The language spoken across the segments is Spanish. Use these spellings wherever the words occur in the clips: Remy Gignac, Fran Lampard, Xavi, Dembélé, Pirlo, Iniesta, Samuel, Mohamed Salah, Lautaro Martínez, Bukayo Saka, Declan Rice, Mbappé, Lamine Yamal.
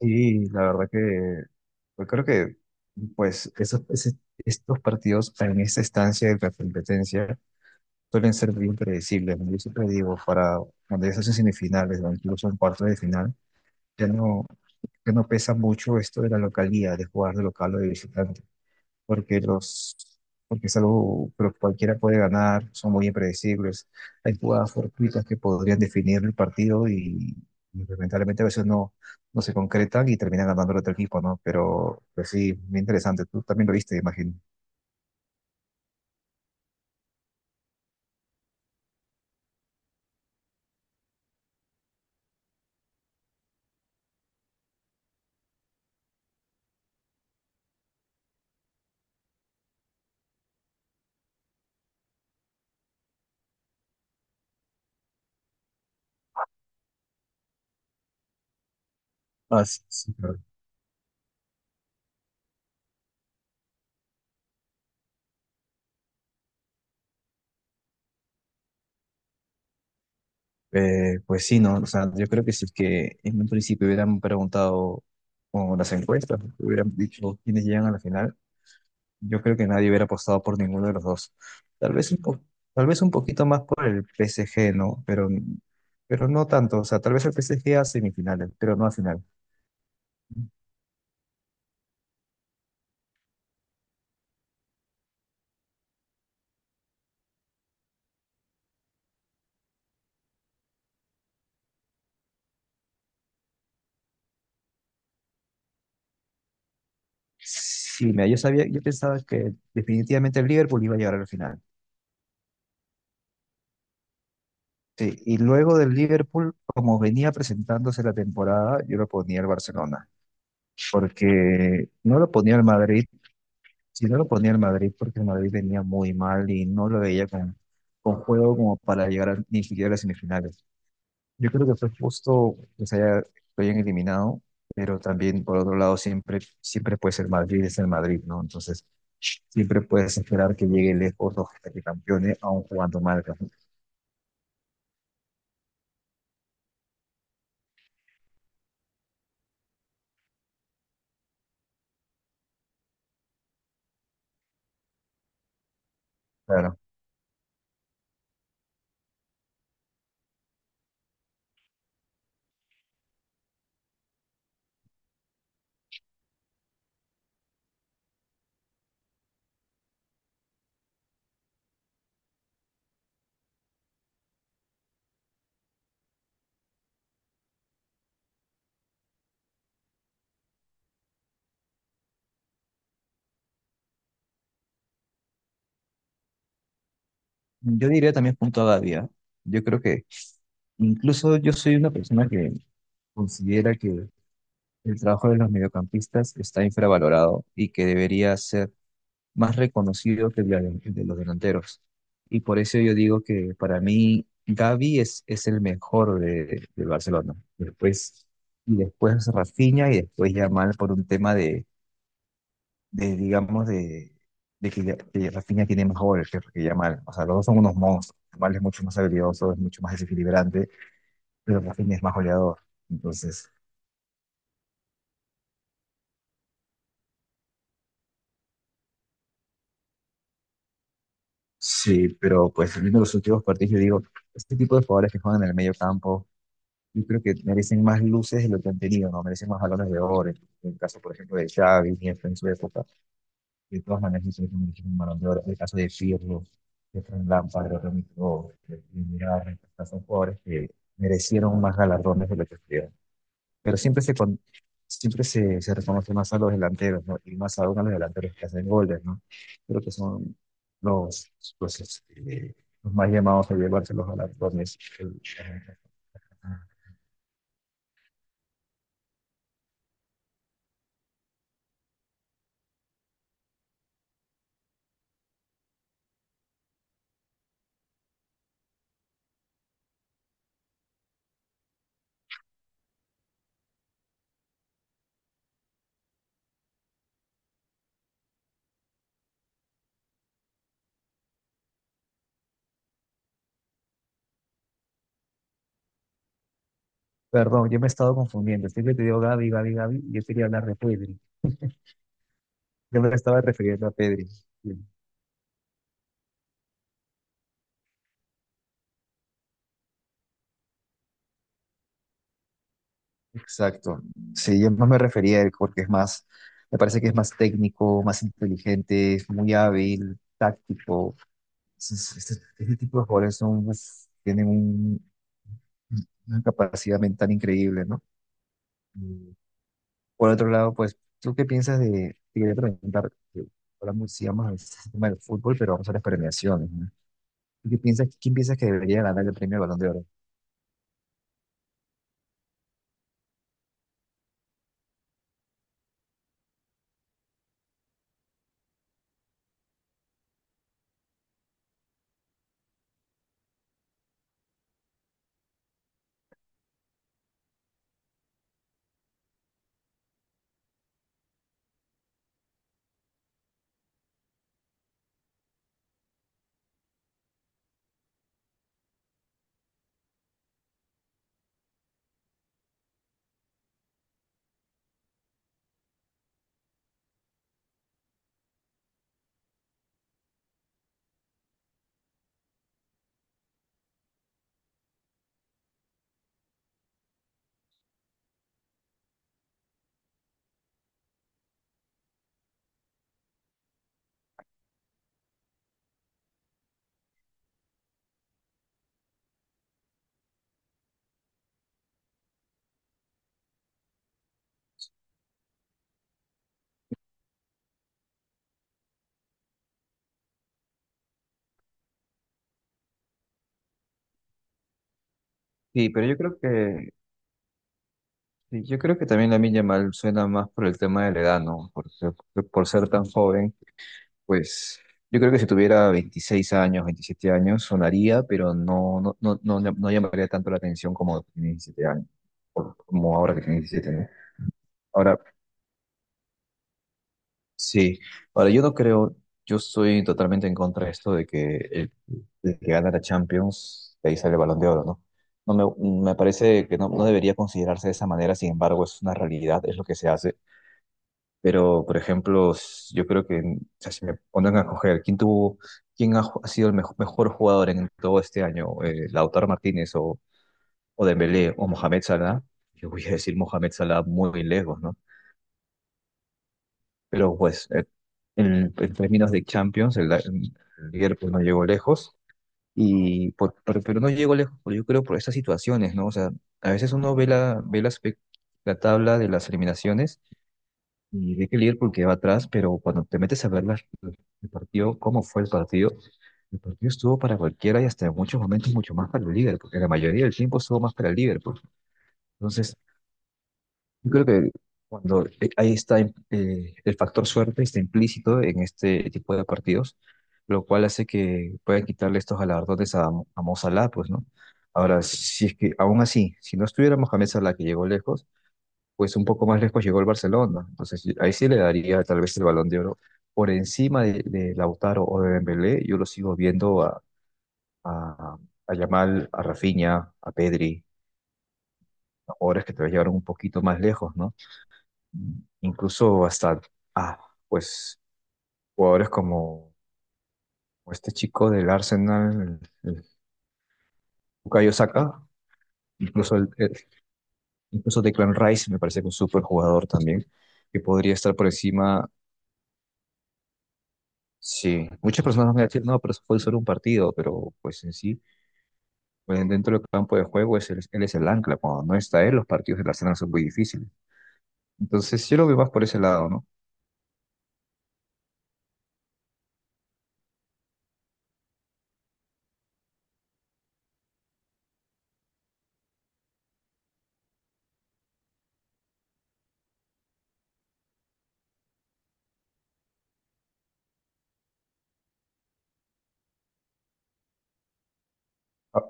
Sí, la verdad que yo creo que pues esos, ese- estos partidos en esta estancia de la competencia suelen ser bien predecibles, ¿no? Yo siempre digo, para cuando ya se hacen semifinales o incluso en cuartos de final, ya no, ya no pesa mucho esto de la localidad, de jugar de local o de visitante porque los, porque es algo, pero cualquiera puede ganar, son muy impredecibles. Hay jugadas fortuitas que podrían definir el partido y lamentablemente a veces no, no se concretan y terminan ganando el otro equipo, ¿no? Pero, pues sí, muy interesante. Tú también lo viste, imagino. Ah, sí, sí, claro. Pues sí, ¿no? O sea, yo creo que si es que en un principio hubieran preguntado con las encuestas, hubieran dicho quiénes llegan a la final, yo creo que nadie hubiera apostado por ninguno de los dos. Tal vez un po- Tal vez un poquito más por el PSG, ¿no? Pero no tanto. O sea, tal vez el PSG a semifinales, pero no a final. Sí, mira, yo pensaba que definitivamente el Liverpool iba a llegar a la final. Sí, y luego del Liverpool, como venía presentándose la temporada, yo lo ponía al Barcelona, porque no lo ponía al Madrid, si no lo ponía al Madrid, porque el Madrid venía muy mal y no lo veía con juego como para llegar ni siquiera a las semifinales. Yo creo que fue justo que lo hayan eliminado, pero también por otro lado siempre, siempre puede ser Madrid, es el Madrid, ¿no? Entonces siempre puedes esperar que llegue lejos o hasta que campeone aún jugando mal. ¿No? Claro. Yo diría también punto a Gavi, ¿ah? Yo creo que incluso yo soy una persona que considera que el trabajo de los mediocampistas está infravalorado y que debería ser más reconocido que el de los delanteros. Y por eso yo digo que para mí Gavi es el mejor de, del Barcelona. Después, y después Rafinha y después Yamal por un tema de digamos, de, de, que Rafinha tiene más goles que Yamal. O sea, los dos son unos monstruos. Yamal es mucho más habilidoso, es mucho más desequilibrante, pero Rafinha es más goleador. Entonces, sí, pero pues viendo los últimos partidos, yo digo, este tipo de jugadores que juegan en el medio campo yo creo que merecen más luces de lo que han tenido, ¿no? Merecen más balones de oro. En el caso, por ejemplo, de Xavi, Iniesta en su época. De todas maneras, yo creo que merecen un balón de oro. En el caso de Pirlo, de Fran Lampard, de Remy Gignac, de Mirar, son jugadores que merecieron más galardones de lo que tuvieron. Pero siempre se reconoce más a los delanteros, ¿no? Y más aún a los delanteros que hacen goles, ¿no? Creo que son los, los, este, los más llamados a llevarse los galardones. Perdón, yo me he estado confundiendo. Siempre te digo Gaby. Yo quería hablar de Pedri. Yo me estaba refiriendo a Pedri. Sí, exacto. Sí, yo más me refería a él porque es me parece que es más técnico, más inteligente, es muy hábil, táctico. Es- es- Este, este tipo de jugadores son, uf, tienen un- una capacidad mental increíble, ¿no? Y por otro lado, pues, ¿tú qué piensas de, te quería preguntar, que sigamos el tema del fútbol, pero vamos a las premiaciones, ¿no? ¿Tú ¿Qué piensas, quién piensas que debería ganar el premio Balón de Oro? Sí, pero yo creo que, sí, yo creo que también Lamine Yamal suena más por el tema de la edad, ¿no? Por ser tan joven, pues yo creo que si tuviera 26 años, 27 años, sonaría, pero no, no, no, no, no llamaría tanto la atención como tiene 17 años, como ahora que tiene 17, ¿no? Ahora, sí, ahora yo no creo, yo estoy totalmente en contra de esto de que el que gana la Champions de ahí sale el Balón de Oro, ¿no? Me parece que no, no debería considerarse de esa manera, sin embargo es una realidad, es lo que se hace. Pero, por ejemplo, yo creo que, o sea, si me ponen a escoger quién ha sido el mejor jugador en todo este año, Lautaro Martínez o Dembélé o Mohamed Salah, yo voy a decir Mohamed Salah muy lejos, ¿no? Pero pues en términos de Champions, el Liverpool no llegó lejos. Pero no llegó lejos, por- yo creo, por estas situaciones, ¿no? O sea, a veces uno la tabla de las eliminaciones y ve que el Liverpool queda atrás, pero cuando te metes a ver el partido, cómo fue el partido estuvo para cualquiera y hasta en muchos momentos mucho más para el Liverpool, porque la mayoría del tiempo estuvo más para el Liverpool. Entonces, yo creo que cuando el factor suerte está implícito en este tipo de partidos, lo cual hace que puedan quitarle estos galardones a Mo Salah, pues, ¿no? Ahora, si es que aún así, si no estuviera Mohamed Salah que llegó lejos, pues un poco más lejos llegó el Barcelona. Entonces, ahí sí le daría tal vez el Balón de Oro por encima de Lautaro o de Dembélé. Yo lo sigo viendo a, a Yamal, a Rafinha, a Pedri, a jugadores que te llevaron un poquito más lejos, ¿no? Incluso hasta, ah, pues, jugadores como este chico del Arsenal, el Bukayo Saka, incluso, incluso Declan Rice me parece que es un súper jugador también, que podría estar por encima. Sí, muchas personas me dicen, no, pero eso fue solo un partido, pero pues en sí, pues, dentro del campo de juego es él es el ancla. Cuando no está él, los partidos del Arsenal son muy difíciles. Entonces, yo lo veo más por ese lado, ¿no? Ah,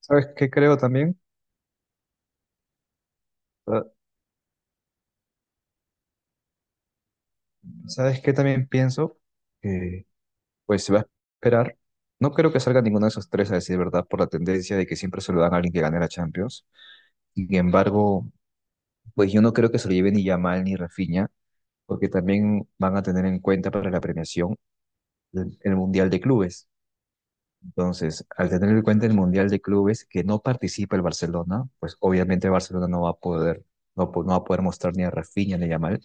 ¿sabes qué creo también? Ah, ¿sabes qué también pienso? Que pues se va a esperar. No creo que salga ninguno de esos tres, a decir verdad, por la tendencia de que siempre se lo dan a alguien que gane la Champions. Sin embargo, pues yo no creo que se lo lleve ni Yamal ni Rafinha, porque también van a tener en cuenta para la premiación el Mundial de Clubes. Entonces, al tener en cuenta el Mundial de Clubes que no participa el Barcelona, pues obviamente el Barcelona no va a poder mostrar ni a Rafinha ni a Yamal.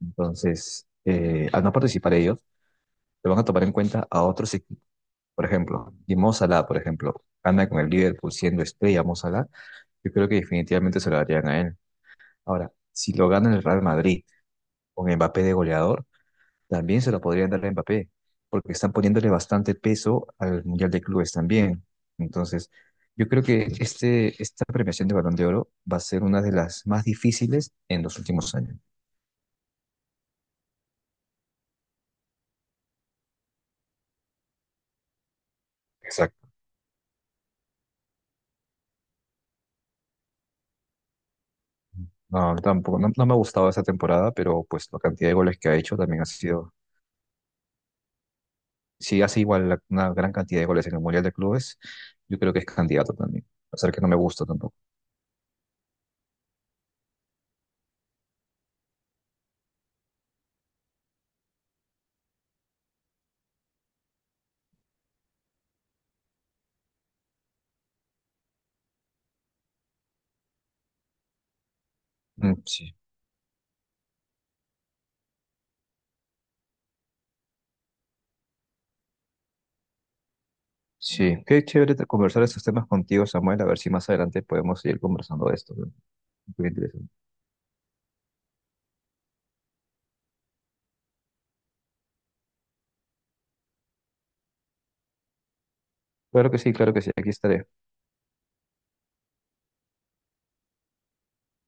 Entonces, al no participar ellos, se van a tomar en cuenta a otros por ejemplo, y Mo Salah, por ejemplo, anda con el Liverpool siendo estrella Mo Salah, yo creo que definitivamente se lo darían a él. Ahora, si lo gana el Real Madrid con Mbappé de goleador, también se lo podrían dar a Mbappé, porque están poniéndole bastante peso al Mundial de Clubes también. Entonces, yo creo que esta premiación de Balón de Oro va a ser una de las más difíciles en los últimos años. Exacto. No, tampoco, no, no me ha gustado esa temporada, pero pues la cantidad de goles que ha hecho también ha sido si hace igual una gran cantidad de goles en el Mundial de Clubes, yo creo que es candidato también, a pesar que no me gusta tampoco. Mm, sí, sí, qué chévere conversar estos temas contigo, Samuel, a ver si más adelante podemos seguir conversando de esto. ¿No? Muy interesante. Claro que sí, aquí estaré.